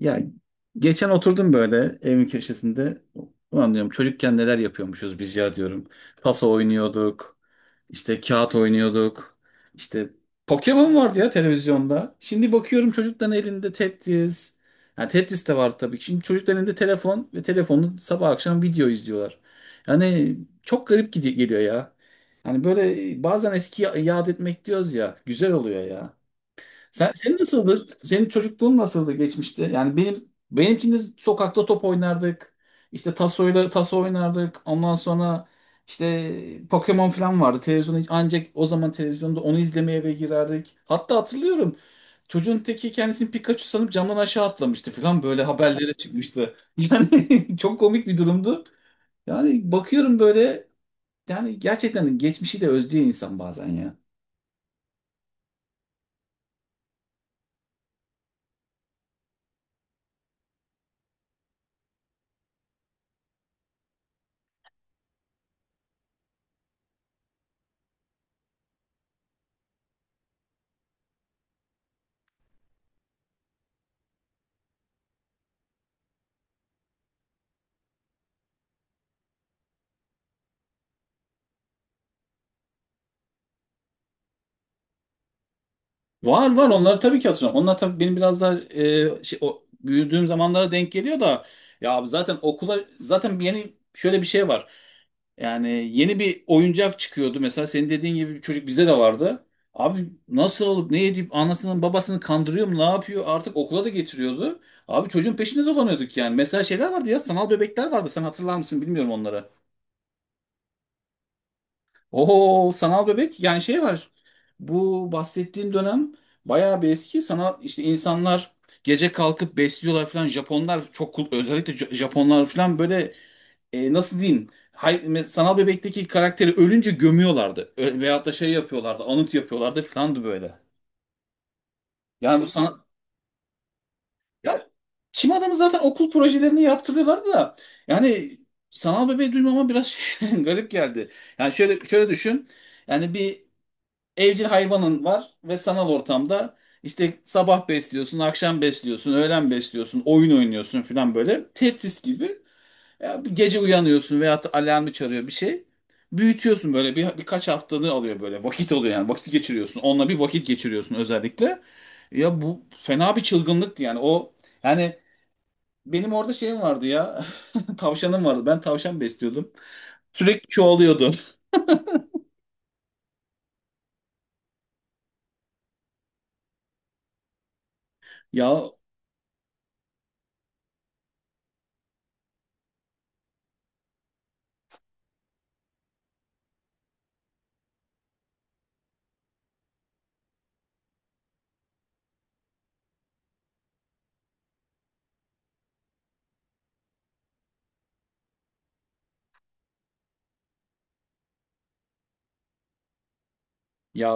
Ya geçen oturdum böyle evin köşesinde. Ulan diyorum çocukken neler yapıyormuşuz biz ya diyorum. Paso oynuyorduk. İşte kağıt oynuyorduk. İşte Pokemon vardı ya televizyonda. Şimdi bakıyorum çocukların elinde Tetris. Yani Tetris de var tabii ki. Şimdi çocukların elinde telefon ve telefonla sabah akşam video izliyorlar. Yani çok garip geliyor ya. Yani böyle bazen eskiyi yad etmek diyoruz ya. Güzel oluyor ya. Senin nasıldı? Senin çocukluğun nasıldı geçmişte? Yani benimkinde sokakta top oynardık. İşte tasoyla taso oynardık. Ondan sonra işte Pokemon falan vardı. Televizyonda ancak o zaman televizyonda onu izlemeye eve girerdik. Hatta hatırlıyorum. Çocuğun teki kendisini Pikachu sanıp camdan aşağı atlamıştı falan böyle haberlere çıkmıştı. Yani çok komik bir durumdu. Yani bakıyorum böyle, yani gerçekten geçmişi de özlüyor insan bazen ya. Var var, onları tabii ki hatırlıyorum. Onlar tabii benim biraz daha büyüdüğüm zamanlara denk geliyor da, ya abi zaten okula zaten yeni şöyle bir şey var. Yani yeni bir oyuncak çıkıyordu. Mesela senin dediğin gibi bir çocuk bize de vardı. Abi nasıl olup ne edip anasının babasını kandırıyor mu ne yapıyor artık, okula da getiriyordu. Abi çocuğun peşinde dolanıyorduk yani. Mesela şeyler vardı ya, sanal bebekler vardı. Sen hatırlar mısın bilmiyorum onları. Oo, sanal bebek, yani şey var. Bu bahsettiğim dönem bayağı bir eski. Sanal işte, insanlar gece kalkıp besliyorlar falan. Japonlar çok özellikle Japonlar falan böyle, nasıl diyeyim? Hay, sanal bebekteki karakteri ölünce gömüyorlardı. Veyahut da şey yapıyorlardı, anıt yapıyorlardı falandı böyle. Yani bu sana, ya çim adamı zaten okul projelerini yaptırıyorlardı da, yani sanal bebeği duymama biraz garip geldi. Yani şöyle şöyle düşün. Yani bir evcil hayvanın var ve sanal ortamda işte sabah besliyorsun, akşam besliyorsun, öğlen besliyorsun, oyun oynuyorsun falan böyle. Tetris gibi. Ya bir gece uyanıyorsun veyahut da alarmı çalıyor bir şey. Büyütüyorsun böyle birkaç haftanı alıyor böyle. Vakit oluyor, yani vakit geçiriyorsun. Onunla bir vakit geçiriyorsun özellikle. Ya bu fena bir çılgınlıktı yani, o, yani benim orada şeyim vardı ya, tavşanım vardı, ben tavşan besliyordum, sürekli çoğalıyordu. Ya, ya.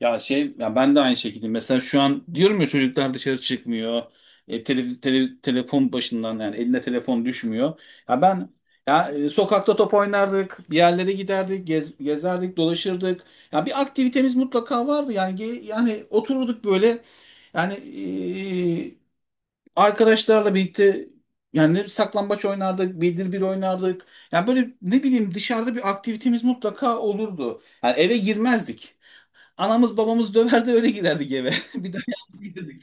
Ya şey ya, ben de aynı şekilde, mesela şu an diyorum ya, çocuklar dışarı çıkmıyor. Telefon başından, yani eline telefon düşmüyor. Ya ben ya e, sokakta top oynardık, bir yerlere giderdik, gezerdik, dolaşırdık. Ya bir aktivitemiz mutlaka vardı. Yani yani otururduk böyle, yani arkadaşlarla birlikte, yani ne saklambaç oynardık, bildir bir oynardık. Yani böyle, ne bileyim, dışarıda bir aktivitemiz mutlaka olurdu. Yani eve girmezdik. Anamız babamız döverdi öyle giderdik eve. Bir daha yalnız giderdik.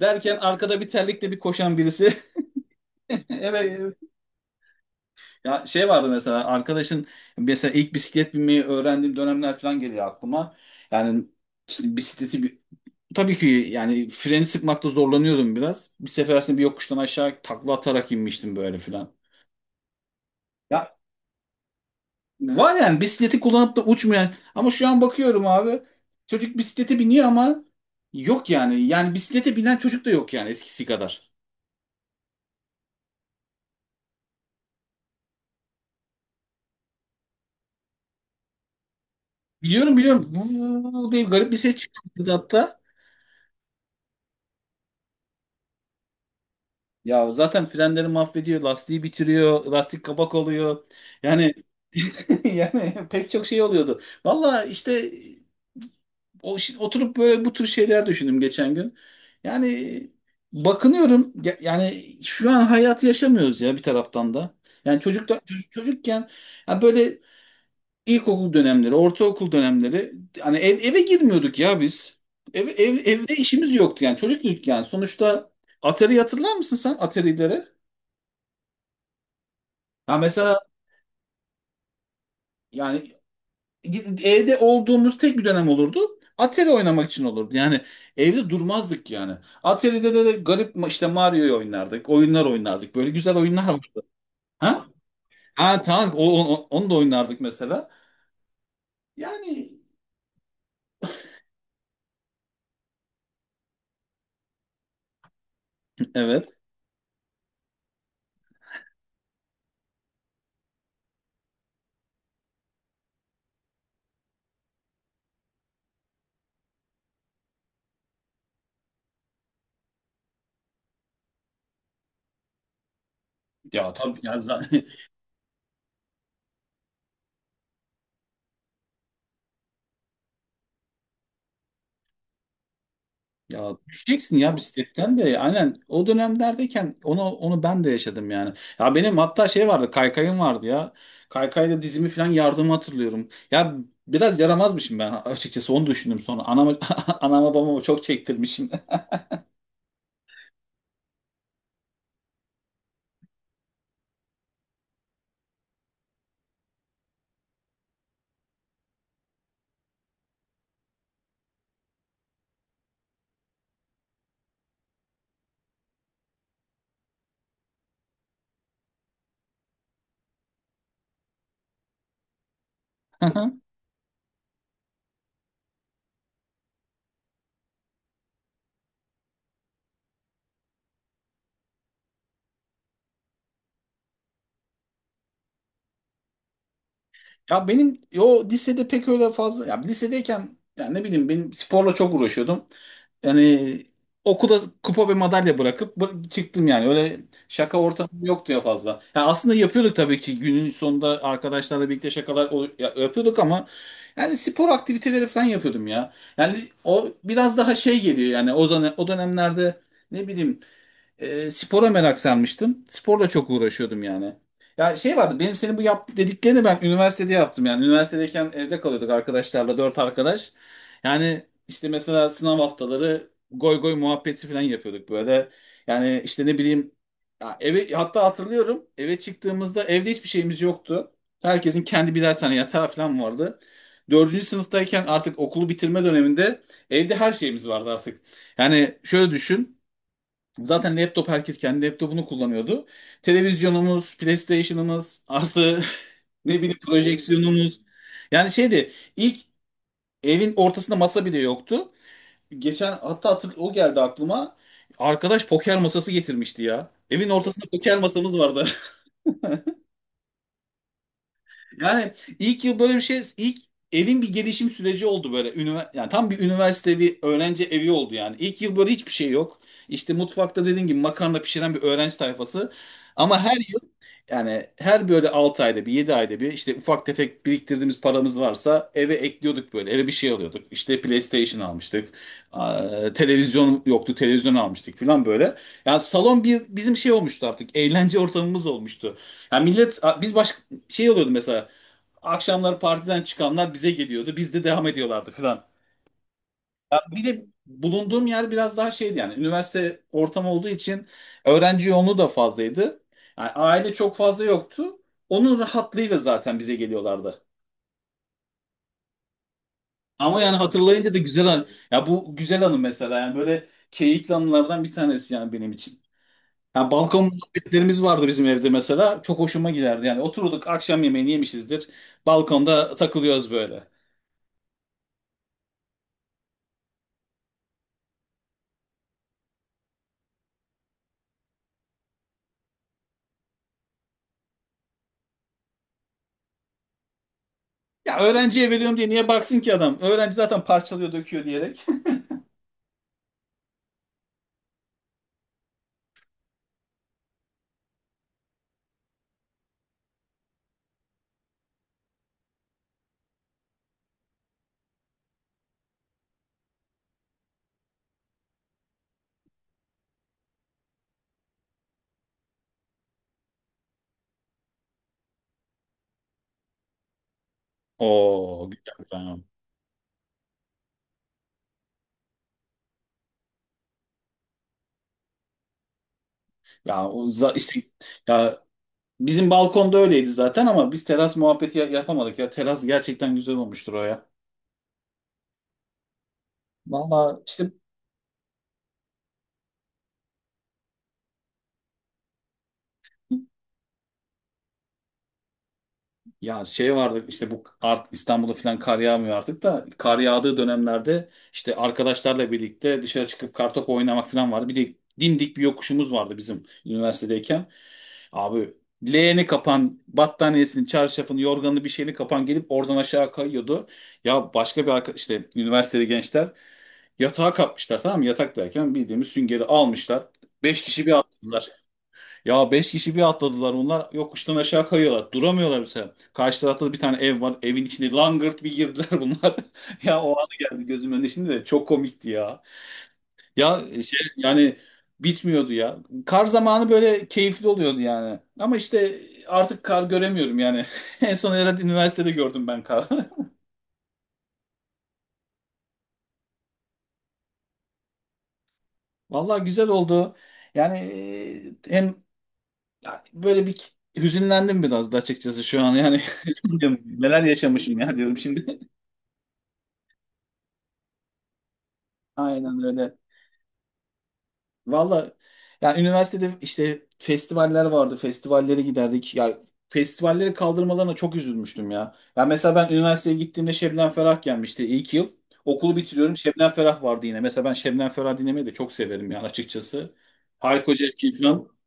Derken arkada bir terlikle bir koşan birisi. Evet. Evet. Ya şey vardı, mesela arkadaşın, mesela ilk bisiklet binmeyi öğrendiğim dönemler falan geliyor aklıma. Yani işte bisikleti tabii ki, yani freni sıkmakta zorlanıyordum biraz. Bir sefer aslında bir yokuştan aşağı takla atarak inmiştim böyle falan. Ya, var yani bisikleti kullanıp da uçmayan, ama şu an bakıyorum abi, çocuk bisiklete biniyor ama yok, yani bisiklete binen çocuk da yok yani, eskisi kadar. Biliyorum, biliyorum, bu diye garip bir ses çıkardı hatta. Ya zaten frenleri mahvediyor, lastiği bitiriyor, lastik kabak oluyor. Yani yani pek çok şey oluyordu. Valla işte, o oturup böyle bu tür şeyler düşündüm geçen gün. Yani bakınıyorum yani şu an hayatı yaşamıyoruz ya bir taraftan da. Yani çocukken, ya böyle ilkokul dönemleri, ortaokul dönemleri, hani eve girmiyorduk ya biz. Evde işimiz yoktu yani, çocuktuk yani. Sonuçta Atari, hatırlar mısın sen Atari'lere? Ya mesela, yani evde olduğumuz tek bir dönem olurdu. Atari oynamak için olurdu. Yani evde durmazdık yani. Atari'de de garip, işte Mario'yu oynardık. Oyunlar oynardık. Böyle güzel oyunlar vardı. Ha? Ha tamam, onu da oynardık mesela. Yani evet. Ya tabii ya, ya düşeceksin ya bisikletten de, aynen o dönemlerdeyken onu ben de yaşadım yani. Ya benim hatta şey vardı, kaykayım vardı ya. Kaykayla dizimi falan yardımı hatırlıyorum. Ya biraz yaramazmışım ben açıkçası, onu düşündüm sonra. Anama, anama babama çok çektirmişim. Ya benim o lisede pek öyle fazla, ya lisedeyken, yani ne bileyim, benim sporla çok uğraşıyordum. Yani okula kupa ve madalya bırakıp çıktım yani. Öyle şaka ortamım yoktu ya fazla. Ya aslında yapıyorduk tabii ki, günün sonunda arkadaşlarla birlikte şakalar yapıyorduk ama, yani spor aktiviteleri falan yapıyordum ya. Yani o biraz daha şey geliyor, yani o zaman, o dönemlerde, ne bileyim, spora merak sarmıştım. Sporla çok uğraşıyordum yani. Ya şey vardı, benim senin bu yap dediklerini ben üniversitede yaptım yani. Üniversitedeyken evde kalıyorduk arkadaşlarla, dört arkadaş. Yani işte mesela sınav haftaları goy goy muhabbeti falan yapıyorduk böyle. Yani işte, ne bileyim, ya eve, hatta hatırlıyorum, eve çıktığımızda evde hiçbir şeyimiz yoktu. Herkesin kendi birer tane yatağı falan vardı. Dördüncü sınıftayken, artık okulu bitirme döneminde, evde her şeyimiz vardı artık. Yani şöyle düşün. Zaten laptop, herkes kendi laptopunu kullanıyordu. Televizyonumuz, PlayStation'ımız, artı ne bileyim projeksiyonumuz. Yani şeydi ilk, evin ortasında masa bile yoktu. Geçen hatta o geldi aklıma. Arkadaş poker masası getirmişti ya. Evin ortasında poker masamız vardı. Yani ilk yıl böyle bir şey, ilk evin bir gelişim süreci oldu böyle. Yani tam bir üniversite evi, öğrenci evi oldu yani. İlk yıl böyle hiçbir şey yok. İşte mutfakta dediğin gibi makarna pişiren bir öğrenci tayfası. Ama her Yani her böyle 6 ayda bir, 7 ayda bir, işte ufak tefek biriktirdiğimiz paramız varsa eve ekliyorduk böyle, eve bir şey alıyorduk. İşte PlayStation almıştık. Televizyon yoktu, televizyon almıştık falan böyle. Yani salon bir bizim şey olmuştu artık, eğlence ortamımız olmuştu. Yani millet biz başka, şey oluyordu mesela, akşamlar partiden çıkanlar bize geliyordu, biz de devam ediyorlardı falan. Ya bir de bulunduğum yer biraz daha şeydi, yani üniversite ortamı olduğu için öğrenci yoğunluğu da fazlaydı. Yani aile çok fazla yoktu. Onun rahatlığıyla zaten bize geliyorlardı. Ama yani hatırlayınca da güzel ya, bu güzel anı mesela, yani böyle keyifli anılardan bir tanesi yani benim için. Ya balkon muhabbetlerimiz vardı bizim evde mesela. Çok hoşuma giderdi. Yani oturduk akşam yemeğini yemişizdir. Balkonda takılıyoruz böyle. Ya öğrenciye veriyorum diye niye baksın ki adam? Öğrenci zaten parçalıyor, döküyor diyerek. Oo, güzel. Ya o işte, ya bizim balkonda öyleydi zaten, ama biz teras muhabbeti yapamadık ya. Teras gerçekten güzel olmuştur o ya. Valla işte, ya şey vardı işte bu İstanbul'da falan kar yağmıyor artık da, kar yağdığı dönemlerde işte arkadaşlarla birlikte dışarı çıkıp kartopu oynamak falan vardı. Bir de dimdik bir yokuşumuz vardı bizim üniversitedeyken. Abi leğeni kapan, battaniyesini, çarşafını, yorganını bir şeyini kapan, gelip oradan aşağı kayıyordu. Ya başka bir arkadaş, işte üniversitede gençler, yatağa kapmışlar tamam mı? Yatak derken bildiğimiz süngeri almışlar. Beş kişi bir atladılar. Ya beş kişi bir atladılar onlar. Yokuştan aşağı kayıyorlar. Duramıyorlar mesela. Karşı tarafta da bir tane ev var. Evin içine langırt bir girdiler bunlar. Ya o anı geldi gözümün önüne şimdi de, çok komikti ya. Ya şey yani, bitmiyordu ya. Kar zamanı böyle keyifli oluyordu yani. Ama işte artık kar göremiyorum yani. En son herhalde üniversitede gördüm ben kar. Vallahi güzel oldu. Yani, e, hem ya böyle bir hüzünlendim biraz da açıkçası şu an yani. Diyorum, neler yaşamışım ya diyorum şimdi. Aynen öyle. Valla, yani üniversitede işte festivaller vardı. Festivallere giderdik. Ya festivalleri kaldırmalarına çok üzülmüştüm ya. Ya mesela ben üniversiteye gittiğimde Şebnem Ferah gelmişti ilk yıl. Okulu bitiriyorum, Şebnem Ferah vardı yine. Mesela ben Şebnem Ferah dinlemeyi de çok severim yani açıkçası. Hayko Cepkin falan.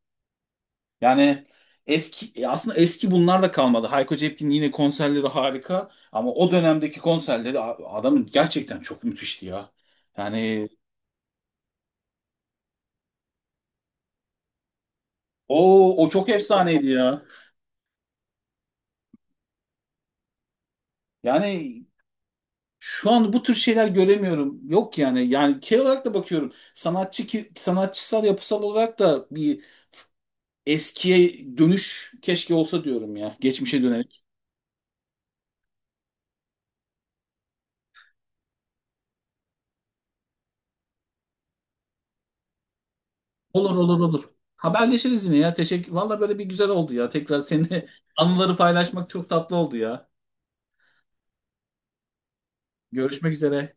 Yani eski, aslında eski bunlar da kalmadı. Hayko Cepkin'in yine konserleri harika, ama o dönemdeki konserleri adamın gerçekten çok müthişti ya. Yani o çok efsaneydi ya. Yani şu an bu tür şeyler göremiyorum. Yok yani. Yani şey olarak da bakıyorum. Sanatçı ki, sanatçısal yapısal olarak da bir eskiye dönüş keşke olsa diyorum ya. Geçmişe dönelim. Olur, olur, olur. Haberleşiriz yine ya. Teşekkür. Valla böyle bir güzel oldu ya. Tekrar seninle anıları paylaşmak çok tatlı oldu ya. Görüşmek üzere.